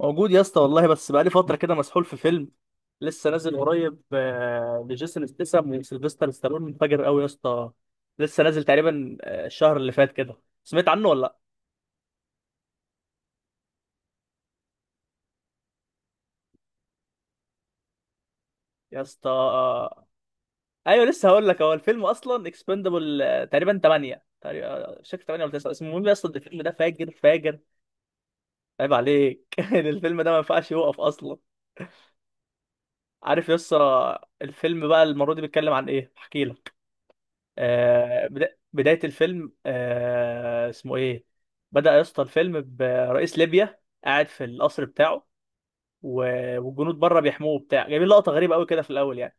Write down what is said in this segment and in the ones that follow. موجود يا اسطى والله، بس بقالي فترة كده مسحول في فيلم لسه نازل قريب، لجيسون ستاثام وسيلفستر ستالون، منفجر قوي يا اسطى. لسه نازل تقريبا الشهر اللي فات كده. سمعت عنه ولا لا؟ يا اسطى ايوه لسه هقول لك. هو الفيلم اصلا اكسبندبل تقريبا 8، تقريبا شكل 8 ولا 9. المهم يا اسطى الفيلم ده فاجر فاجر. عيب عليك الفيلم ده ما ينفعش يوقف اصلا. عارف يا اسطى الفيلم بقى المرة دي بيتكلم عن ايه؟ احكي. بداية الفيلم، اسمه ايه. بدأ يا اسطى الفيلم برئيس ليبيا قاعد في القصر بتاعه، والجنود بره بيحموه بتاع جايبين لقطة غريبة قوي كده في الأول يعني.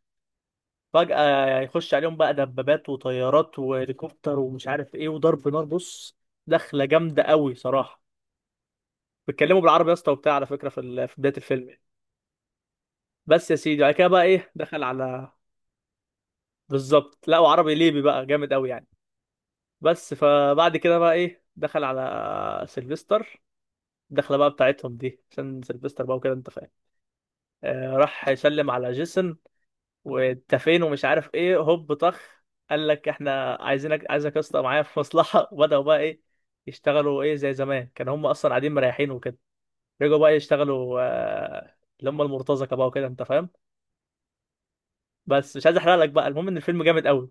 فجأة يخش عليهم بقى دبابات وطيارات وهليكوبتر ومش عارف ايه، وضرب نار. بص، دخلة جامدة قوي صراحة. بيتكلموا بالعربي يا اسطى وبتاع على فكرة في في بداية الفيلم يعني. بس يا سيدي بعد كده بقى ايه، دخل على، بالظبط، لقوا عربي ليبي بقى جامد قوي يعني. بس فبعد كده بقى ايه، دخل على سيلفستر. الدخله بقى بتاعتهم دي عشان سيلفستر بقى وكده انت فاهم. آه راح يسلم على جيسون، وانت فين ومش عارف ايه، هوب طخ. قال لك احنا عايزينك، عايزك يا اسطى معايا في مصلحه وبداوا بقى ايه يشتغلوا، ايه زي زمان. كانوا هم اصلا قاعدين مريحين وكده، رجعوا بقى يشتغلوا آه، اللي هم المرتزقه بقى وكده انت فاهم. بس مش عايز احرق لك بقى، المهم ان الفيلم جامد قوي.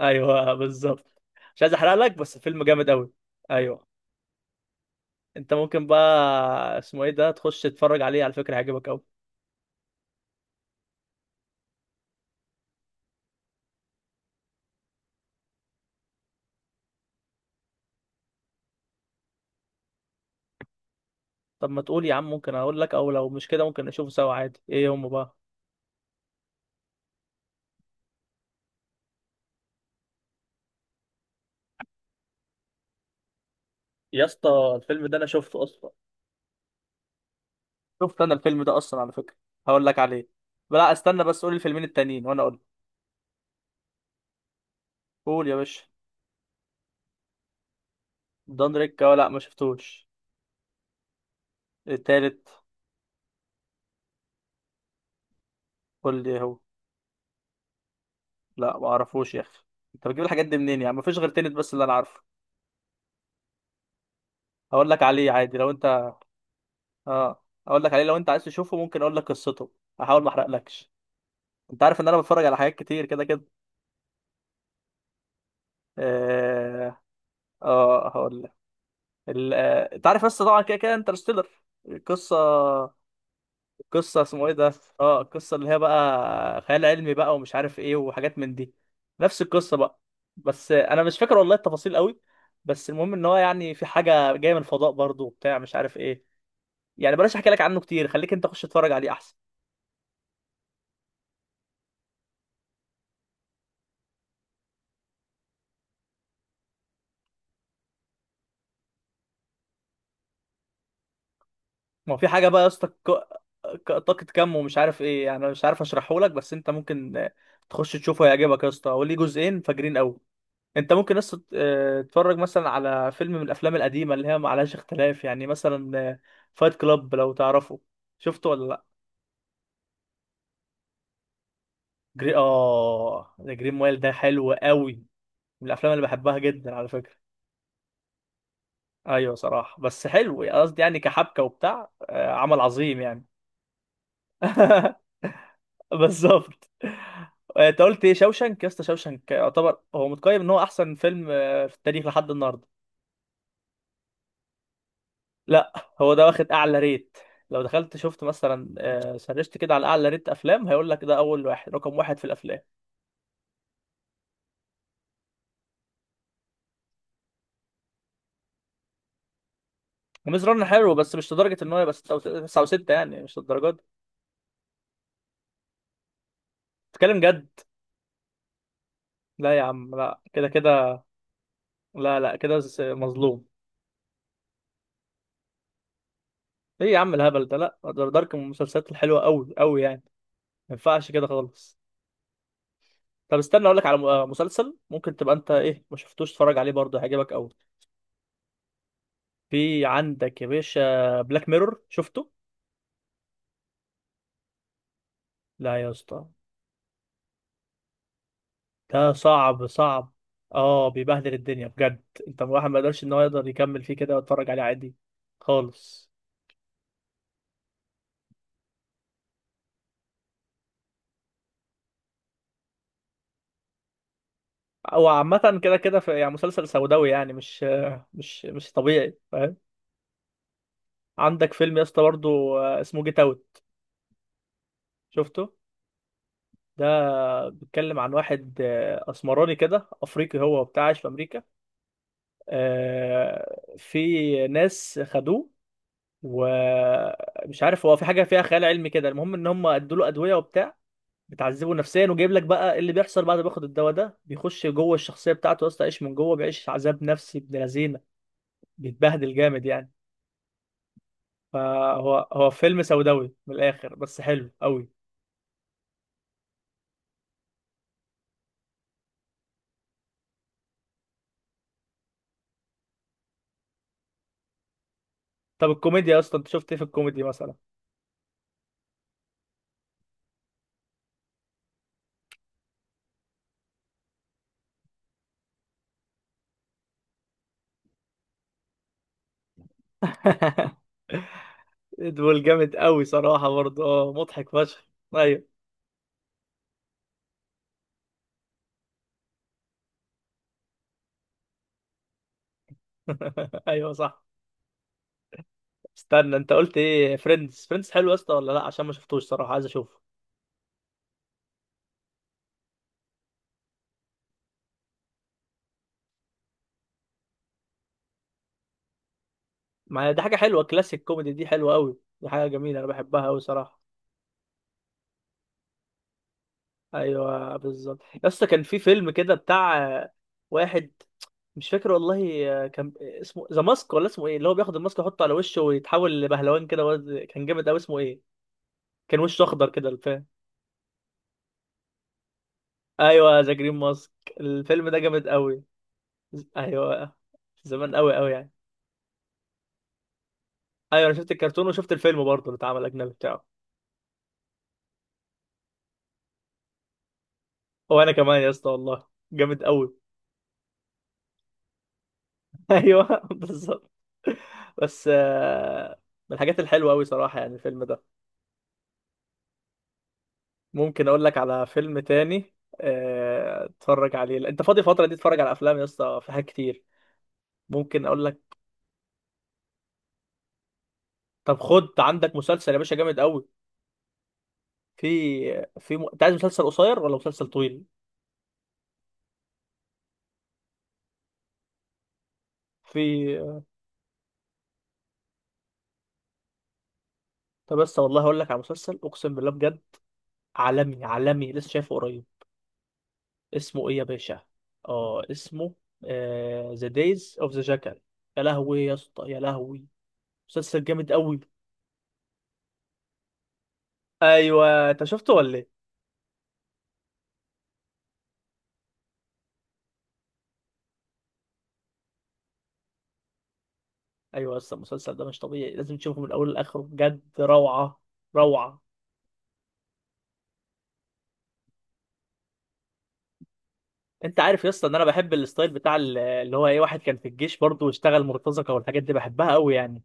ايوه بالظبط. مش عايز احرق لك بس الفيلم جامد قوي. ايوه. انت ممكن بقى، اسمه ايه ده، تخش تتفرج عليه على فكره، هيعجبك قوي. طب ما تقول يا عم، ممكن اقول لك، او لو مش كده ممكن نشوفه سوا عادي. ايه هم بقى؟ يا اسطى الفيلم ده انا شفته اصلا. شفت انا الفيلم ده اصلا على فكره. هقول لك عليه. لا استنى بس، قول الفيلمين التانيين وانا اقول. قول يا باشا. دانريك، اه لا ما شفتوش. التالت؟ قول لي إيه هو. لا ما اعرفوش يا اخي، انت بتجيب الحاجات دي منين يعني؟ ما فيش غير تنت بس اللي انا عارفه. هقول لك عليه عادي لو انت، اه، اقول لك عليه لو انت عايز تشوفه، ممكن اقول لك قصته، هحاول ما احرقلكش. انت عارف ان انا بتفرج على حاجات كتير كده كده. اه، آه هقول لك. انت عارف بس طبعا كده كده انترستيلر، القصه، القصه اسمه ايه ده، اه القصه اللي هي بقى خيال علمي بقى ومش عارف ايه وحاجات من دي. نفس القصه بقى. بس انا مش فاكر والله التفاصيل قوي. بس المهم ان هو يعني في حاجه جايه من الفضاء برضه وبتاع، مش عارف ايه. يعني بلاش احكي لك عنه كتير، خليك انت خش اتفرج عليه احسن. ما هو في حاجه بقى يا اسطى طاقه كم ومش عارف ايه يعني، انا مش عارف اشرحه لك، بس انت ممكن تخش تشوفه، هيعجبك يا اسطى. هو ليه جزئين فاجرين قوي. انت ممكن بس تتفرج مثلا على فيلم من الافلام القديمه اللي هي ما عليهاش اختلاف يعني، مثلا فايت كلاب لو تعرفه. شفته ولا لا؟ جري، اه ده جرين مايل ده حلو قوي، من الافلام اللي بحبها جدا على فكره. ايوه صراحه بس حلو يعني، قصدي يعني كحبكه وبتاع، عمل عظيم يعني. بالظبط. انت قلت ايه، شوشنك؟ يا اسطى شوشنك يعتبر هو متقيم ان هو احسن فيلم في التاريخ لحد النهارده. لا، هو ده واخد اعلى ريت. لو دخلت شفت مثلا سرشت كده على اعلى ريت افلام، هيقول لك ده اول واحد، رقم واحد في الافلام. وميز رن حلو بس مش لدرجه ان هو يبقى 6 او 6 يعني، مش للدرجه دي. بتتكلم جد؟ لا يا عم، لا كده كده. لا لا كده مظلوم. ايه يا عم الهبل ده، لا دارك من المسلسلات الحلوه قوي قوي يعني، ما ينفعش كده خالص. طب استنى اقول لك على مسلسل. ممكن تبقى انت ايه ما شفتوش، اتفرج عليه برضه هيعجبك قوي. في عندك يا باشا، بلاك ميرور، شفته؟ لا يا اسطى ده صعب صعب. اه بيبهدل الدنيا بجد، انت الواحد ما يقدرش ان هو يقدر يكمل فيه كده ويتفرج عليه عادي خالص. هو عامة كده كده في يعني مسلسل سوداوي يعني، مش طبيعي فاهم. عندك فيلم يا اسطى برضه اسمه جيت اوت، شفته؟ ده بيتكلم عن واحد اسمراني كده افريقي هو وبتاع، عايش في امريكا، في ناس خدوه، ومش عارف، هو في حاجة فيها خيال علمي كده، المهم ان هم ادوا له ادوية وبتاع، بتعذبه نفسيا. وجايب لك بقى اللي بيحصل بعد ما بياخد الدواء ده، بيخش جوه الشخصيه بتاعته يا اسطى، يعيش من جوه، بيعيش عذاب نفسي ابن لذينه، بيتبهدل جامد يعني. فهو هو فيلم سوداوي من الاخر بس حلو قوي. طب الكوميديا يا اسطى، انت شفت ايه في الكوميدي مثلا؟ دول جامد قوي صراحه برضه، اه مضحك فشخ. ايوه. ايوه صح. استنى انت قلت ايه، فريندز؟ فريندز حلو يا اسطى ولا لا؟ عشان ما شفتوش صراحه، عايز اشوفه. ما هي دي حاجه حلوه، كلاسيك كوميدي دي حلوه قوي، دي حاجه جميله انا بحبها قوي صراحه. ايوه بالظبط يا اسطى. كان في فيلم كده بتاع واحد، مش فاكر والله كان اسمه ذا ماسك ولا اسمه ايه، اللي هو بياخد الماسك يحطه على وشه ويتحول لبهلوان كده كان جامد قوي. اسمه ايه؟ كان وشه اخضر كده الفيلم. ايوه ذا جرين ماسك. الفيلم ده جامد قوي. ايوه، زمان قوي قوي يعني. ايوه انا شفت الكرتون وشفت الفيلم برضه اللي اتعمل اجنبي بتاعه. هو انا كمان يا اسطى والله، جامد قوي. ايوه بالظبط. بس من الحاجات الحلوه قوي صراحه يعني الفيلم ده. ممكن اقول لك على فيلم تاني؟ اتفرج عليه. لا، انت فاضي الفتره دي، اتفرج على افلام يا اسطى، في حاجات كتير. ممكن اقول لك. طب خد عندك مسلسل يا باشا جامد قوي. في في م... انت عايز مسلسل قصير ولا مسلسل طويل؟ في. طب بس والله هقول لك على مسلسل، اقسم بالله بجد، عالمي عالمي، لسه شايفه قريب. اسمه ايه يا باشا؟ اه اسمه ذا دايز اوف ذا جاكال. يا لهوي يا اسطى يا لهوي، مسلسل جامد قوي. ايوه انت شفته ولا ايه؟ ايوه يا اسطى المسلسل ده مش طبيعي، لازم تشوفه من اوله لاخره، بجد روعه. روعه. انت عارف يا اسطى ان انا بحب الستايل بتاع اللي هو ايه، واحد كان في الجيش برضه واشتغل مرتزقه، والحاجات دي بحبها قوي يعني.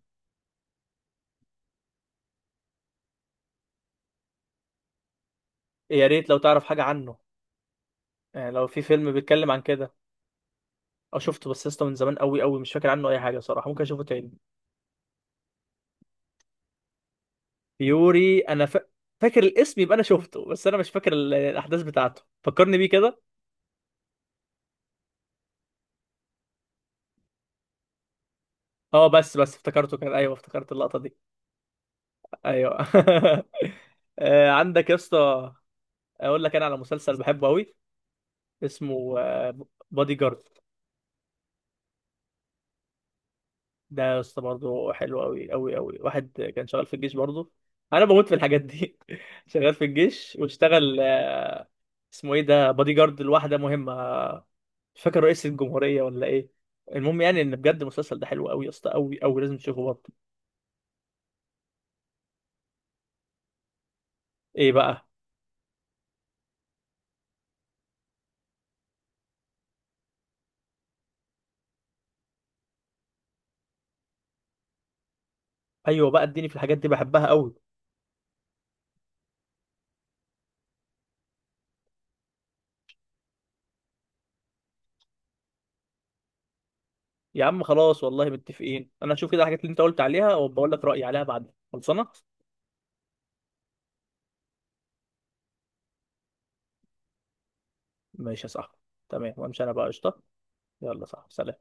يا ريت لو تعرف حاجه عنه، يعني لو في فيلم بيتكلم عن كده، او شفته بس يا اسطى من زمان قوي قوي، مش فاكر عنه اي حاجه صراحه، ممكن اشوفه تاني. يوري انا ف... فاكر الاسم، يبقى انا شفته، بس انا مش فاكر الاحداث بتاعته. فكرني بيه كده. اه بس افتكرته، كان ايوه افتكرت اللقطه دي. ايوه. عندك يا اسطى، اقول لك انا على مسلسل بحبه قوي، اسمه بادي جارد. ده يا اسطى برضه حلو قوي قوي قوي، واحد كان شغال في الجيش برضه. انا بموت في الحاجات دي شغال في الجيش واشتغل اسمه ايه ده، بادي جارد لواحده مهمه، مش فاكر رئيس الجمهوريه ولا ايه. المهم يعني ان بجد المسلسل ده حلو قوي يا اسطى، قوي قوي، لازم تشوفه برضه. ايه بقى؟ ايوه بقى، اديني في الحاجات دي بحبها قوي. يا عم خلاص والله متفقين، انا هشوف كده الحاجات اللي انت قلت عليها وبقول لك رايي عليها بعد خلصانه. ماشي يا صاحبي. تمام، وامشي انا بقى قشطه. يلا صاحبي سلام.